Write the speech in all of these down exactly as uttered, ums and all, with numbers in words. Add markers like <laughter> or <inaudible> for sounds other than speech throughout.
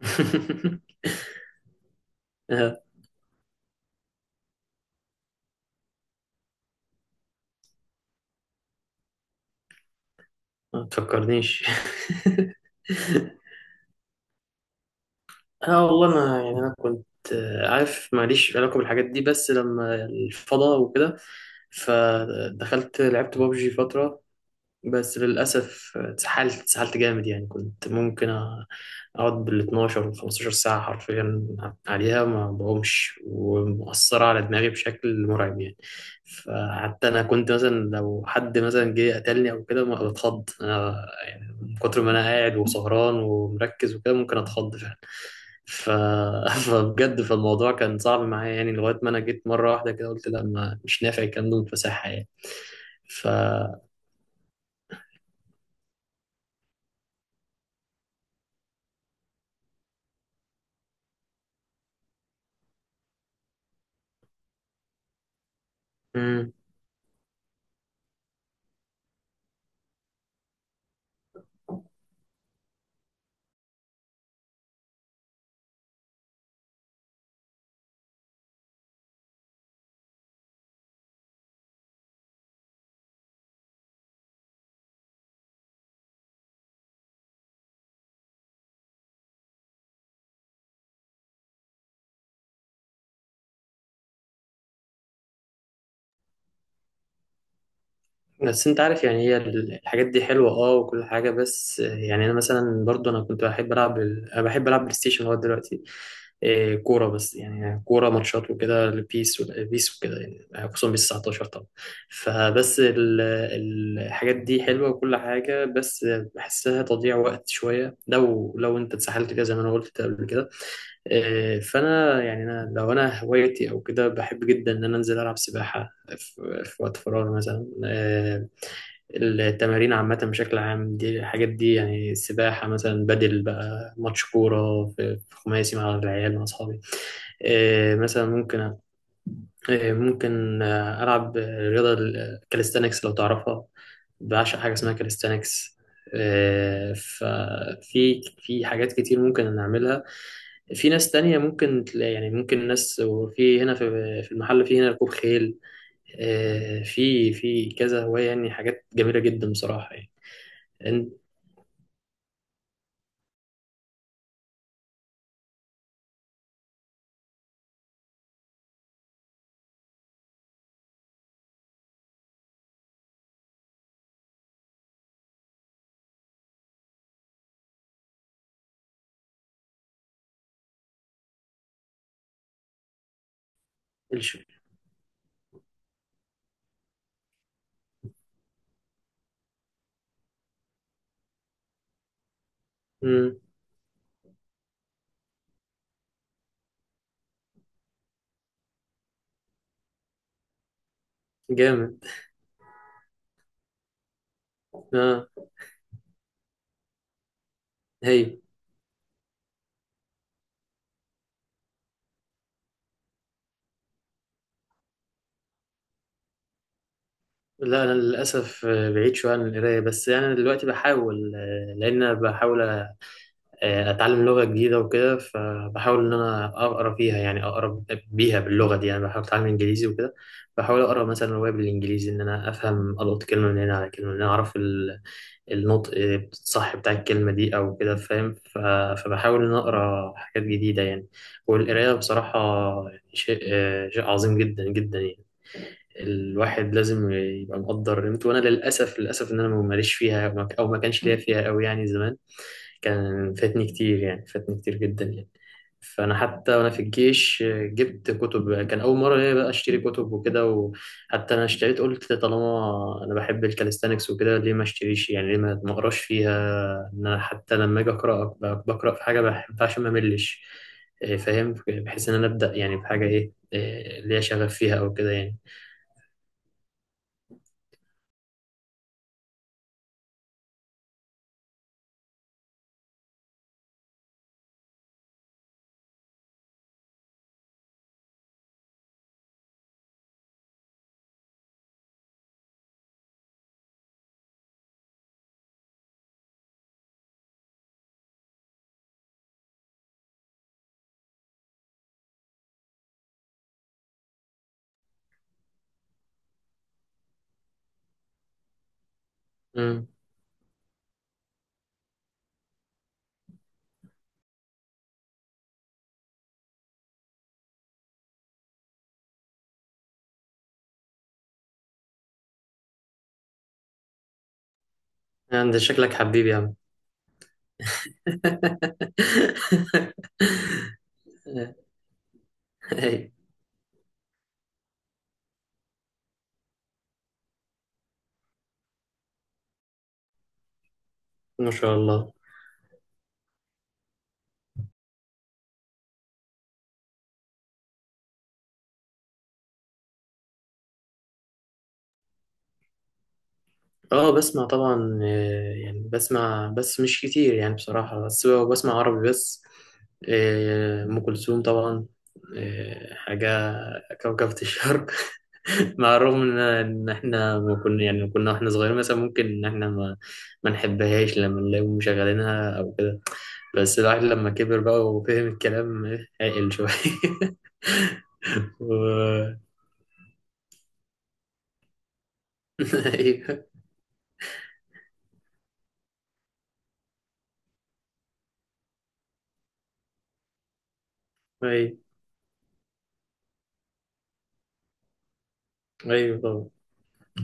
<laughs> آه، ما تفكرنيش. <laughs> اه، والله انا يعني انا كنت... آه، عارف ماليش علاقه بالحاجات دي، بس لما الفضاء وكده، فدخلت لعبت بابجي فتره. بس للأسف اتسحلت اتسحلت جامد، يعني كنت ممكن أ- أقعد بال اتناشر و خمس عشرة ساعة حرفيا عليها، ما بقومش، ومؤثرة على دماغي بشكل مرعب يعني. فحتى أنا كنت مثلا لو حد مثلا جه قتلني أو كده ما بتخض أنا، يعني من كتر ما أنا قاعد وسهران ومركز وكده، ممكن أتخض فعلا. ف... <laughs> فبجد فالموضوع كان صعب معايا، يعني لغاية ما أنا جيت مرة واحدة كده قلت لا، ما مش نافع الكلام ده، متفسحة يعني. ف... بس انت عارف، يعني هي ال- الحاجات دي حلوه اه، وكل حاجه، بس يعني انا مثلا برضو انا كنت بحب العب ال- انا بحب العب بلاي ستيشن لغايه دلوقتي. إيه، كوره، بس يعني كوره ماتشات وكده، البيس والبيس وكده يعني، خصوصا بيس تسعتاشر طبعا. فبس ال- ال- الحاجات دي حلوه وكل حاجه، بس بحسها تضييع وقت شويه لو لو انت اتسحلت فيها زي ما انا قلت قبل كده. إيه، فانا يعني انا لو انا هوايتي او كده، بحب جدا ان انا انزل العب سباحه في وقت فراغ مثلا. آه، التمارين عامة بشكل عام دي، الحاجات دي يعني، السباحة مثلا، بدل بقى ماتش كورة في في خماسي مع العيال مع أصحابي. آه، مثلا ممكن، آه، ممكن آه، ألعب رياضة الكاليستانكس لو تعرفها. بعشق حاجة اسمها كاليستانكس. ففي في حاجات كتير ممكن نعملها. في ناس تانية ممكن تلاقي، يعني ممكن ناس، وفي هنا في في المحل، في هنا ركوب خيل. آه، في في كذا هواية، يعني حاجات جميلة جدا بصراحة يعني. إن- الش- مم. جامد. اه. هي... لا أنا للأسف آه، بعيد شوية عن القراية، بس أنا يعني دلوقتي بحاول، آه، لأن أنا بحاول آه، اتعلم لغة جديدة وكده، فبحاول ان انا اقرا فيها، يعني اقرا بيها باللغة دي يعني، بحاول اتعلم انجليزي وكده. بحاول اقرا مثلا رواية بالانجليزي، ان انا افهم، القط كلمة من هنا على كلمة من هنا، اعرف ال- النطق الصح بتاع الكلمة دي او كده، فاهم؟ ف- فبحاول ان أنا اقرا حاجات جديدة يعني. والقراية بصراحة يعني شيء، آه، شيء عظيم جدا جدا يعني، الواحد لازم يبقى مقدر قيمته. وانا للاسف، للاسف، ان انا ما ماليش فيها، او ما، أو ما كانش ليا فيها قوي يعني زمان. كان فاتني كتير، يعني فاتني كتير جدا يعني. فانا حتى وانا في الجيش جبت كتب، كان اول مره ليا بقى اشتري كتب وكده. وحتى انا اشتريت قلت طالما انا بحب الكاليستانكس وكده، ليه ما اشتريش يعني، ليه ما ما اقراش فيها. ان انا حتى لما اجي اقرا ب- بقرا في حاجه بحبها، عشان ما ملش، آه، فاهم، بحيث ان انا ابدا يعني بحاجه ايه، إيه، آه، ليا شغف فيها او كده يعني. امم. انت شكلك حبيبي يا عم. <laughs> أيوة. ما شاء الله. اه، بسمع طبعا، آه، يعني بسمع بس مش كتير يعني بصراحة، بس هو بسمع عربي بس. آه، أم كلثوم طبعا. آه، حاجة، كوكبة الشرق. <laughs> مع الرغم إن إن إحنا ما كنا، يعني كنا وإحنا صغيرين مثلا ممكن إن إحنا ما، ما نحبهاش لما نلاقيهم مشغلينها أو كده. بس الواحد لما كبر بقى وفهم الكلام آه، عقل شوية. <laughs> و... <laughs> أيوه، أيوه. أيوه طبعا.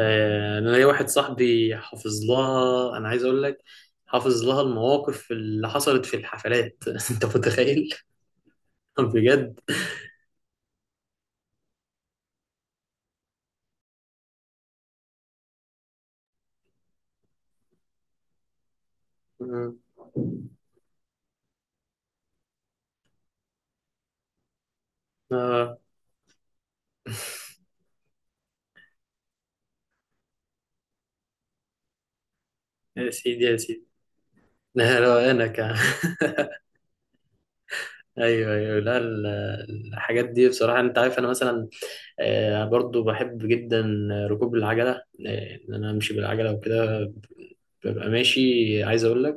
آه، انا ليا واحد صاحبي حافظ لها، انا عايز اقول لك حافظ لها المواقف اللي حصلت في الحفلات. <laughs> انت متخيل؟ <laughs> بجد. مم. آه. يا سيدي يا سيدي. لا لا انا ك... <laughs> ايوه ايوه، لا ال- الحاجات دي بصراحه، انت عارف انا مثلا آه، برضو بحب جدا ركوب العجله، آه، ان انا امشي بالعجله وكده. ببقى ماشي، عايز اقول لك،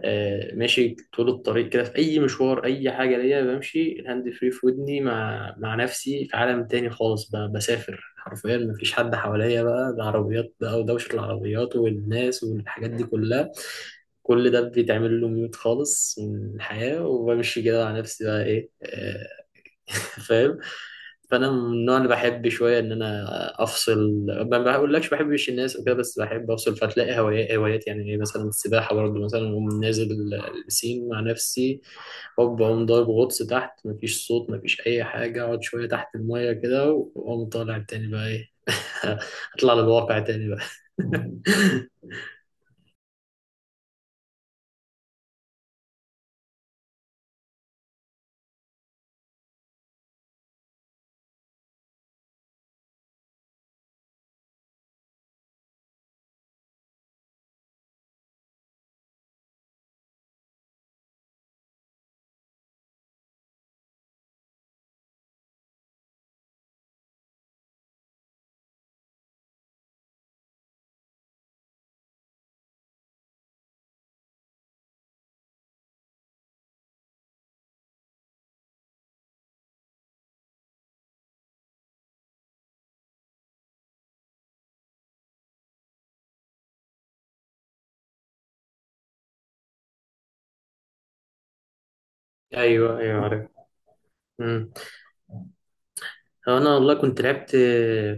آه، ماشي طول الطريق كده في اي مشوار، اي حاجه ليا بمشي، الهاند فري في ودني، مع مع نفسي في عالم تاني خالص بقى، بسافر حرفيا، مفيش حد حواليا بقى، ده عربيات بقى ودوشه العربيات والناس والحاجات دي كلها، كل ده بيتعمل له ميوت خالص من الحياه، وبمشي كده مع نفسي بقى، ايه آه، <laughs> فاهم؟ فانا من النوع اللي بحب شويه ان انا افصل. ما بقولكش بحبش الناس وكده، بس بحب افصل. فتلاقي هوايات، هوايات يعني إيه، مثلا السباحه برضه مثلا، اقوم نازل البسين مع نفسي، هوب اقوم ضارب غطس تحت، مفيش صوت، مفيش اي حاجه، اقعد شويه تحت الميه كده، واقوم طالع تاني بقى ايه. <laughs> اطلع للواقع تاني بقى. <laughs> ايوه ايوه، عارف. انا والله كنت لعبت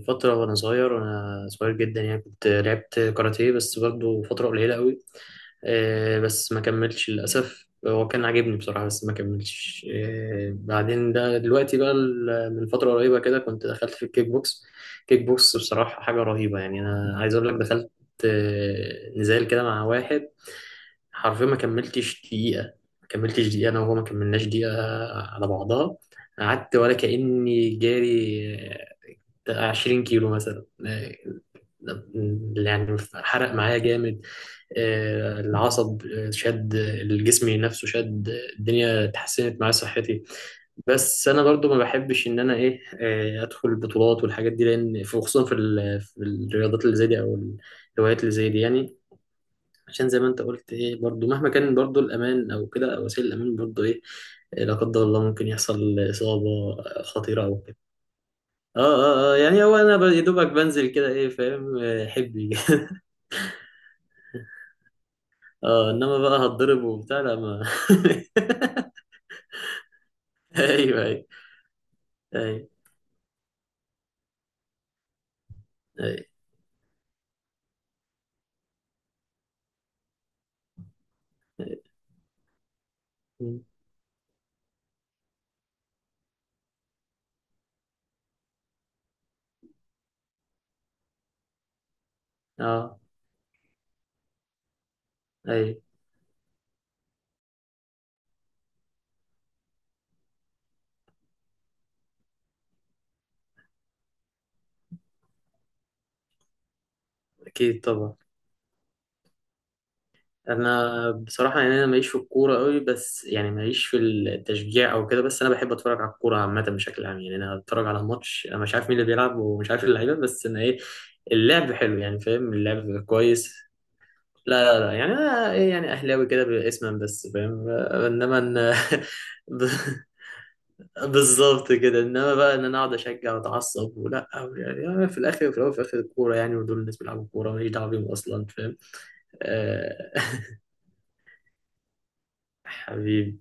فتره وانا صغير، وانا صغير جدا يعني، كنت لعبت كاراتيه بس برضو فتره قليله قوي، آه، بس ما كملتش للاسف، هو كان عاجبني بصراحه بس ما كملتش. آه، بعدين ده دلوقتي بقى ال- من فتره قريبه كده كنت دخلت في الكيك بوكس. كيك بوكس بصراحه حاجه رهيبه، يعني انا عايز اقول لك دخلت آه، نزال كده مع واحد، حرفيا ما كملتش دقيقه، ما كملتش دقيقه انا وهو، ما كملناش دقيقه على بعضها. قعدت ولا كأني جاري عشرين كيلو مثلا، آه، يعني حرق معايا جامد، آه، العصب، آه، شد الجسم نفسه شد، الدنيا اتحسنت معايا صحتي. بس انا برضو ما بحبش ان انا ايه، آه، ادخل البطولات والحاجات دي، لان في، خصوصا في ال- في الرياضات اللي زي دي، او الهوايات اللي زي دي يعني، عشان زي ما انت قلت ايه، برضو مهما كان برضو الامان او كده او وسائل الامان، برضو ايه، آه، لا قدر الله ممكن يحصل اصابة خطيرة او كده. اه اه، آه، يعني هو انا ب- يا دوبك بنزل كده، ايه فاهم، آه، حبي. <laughs> اه، انما بقى هتضرب وبتاع لا ما... <laughs> ايوه ايوه، ايوه ايوه. أيوة. اه. ايوه. اكيد طبعا. انا بصراحه يعني، انا ماليش في الكوره قوي، بس يعني ماليش في التشجيع او كده، بس انا بحب اتفرج على الكوره عامه بشكل عام يعني. انا اتفرج على ماتش انا مش عارف مين اللي بيلعب، ومش عارف اللعيبه، بس انا ايه، اللعب حلو يعني، فاهم، اللعب كويس. لا لا لا، يعني انا ايه، يعني اهلاوي كده اسما بس فاهم، انما ان... <laughs> ب- بالظبط كده، انما بقى ان انا اقعد اشجع واتعصب، ولا، أو يعني، أنا في الاخر وفي الاول وفي الاخر الكوره يعني، ودول الناس بيلعبوا كوره، ماليش دعوه بيهم اصلا فاهم. آه، <laughs> حبيبي.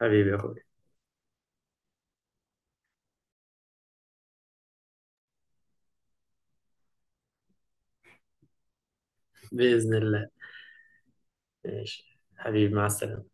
حبيبي يا اخويا. باذن الله. ماشي حبيبي، مع السلامه.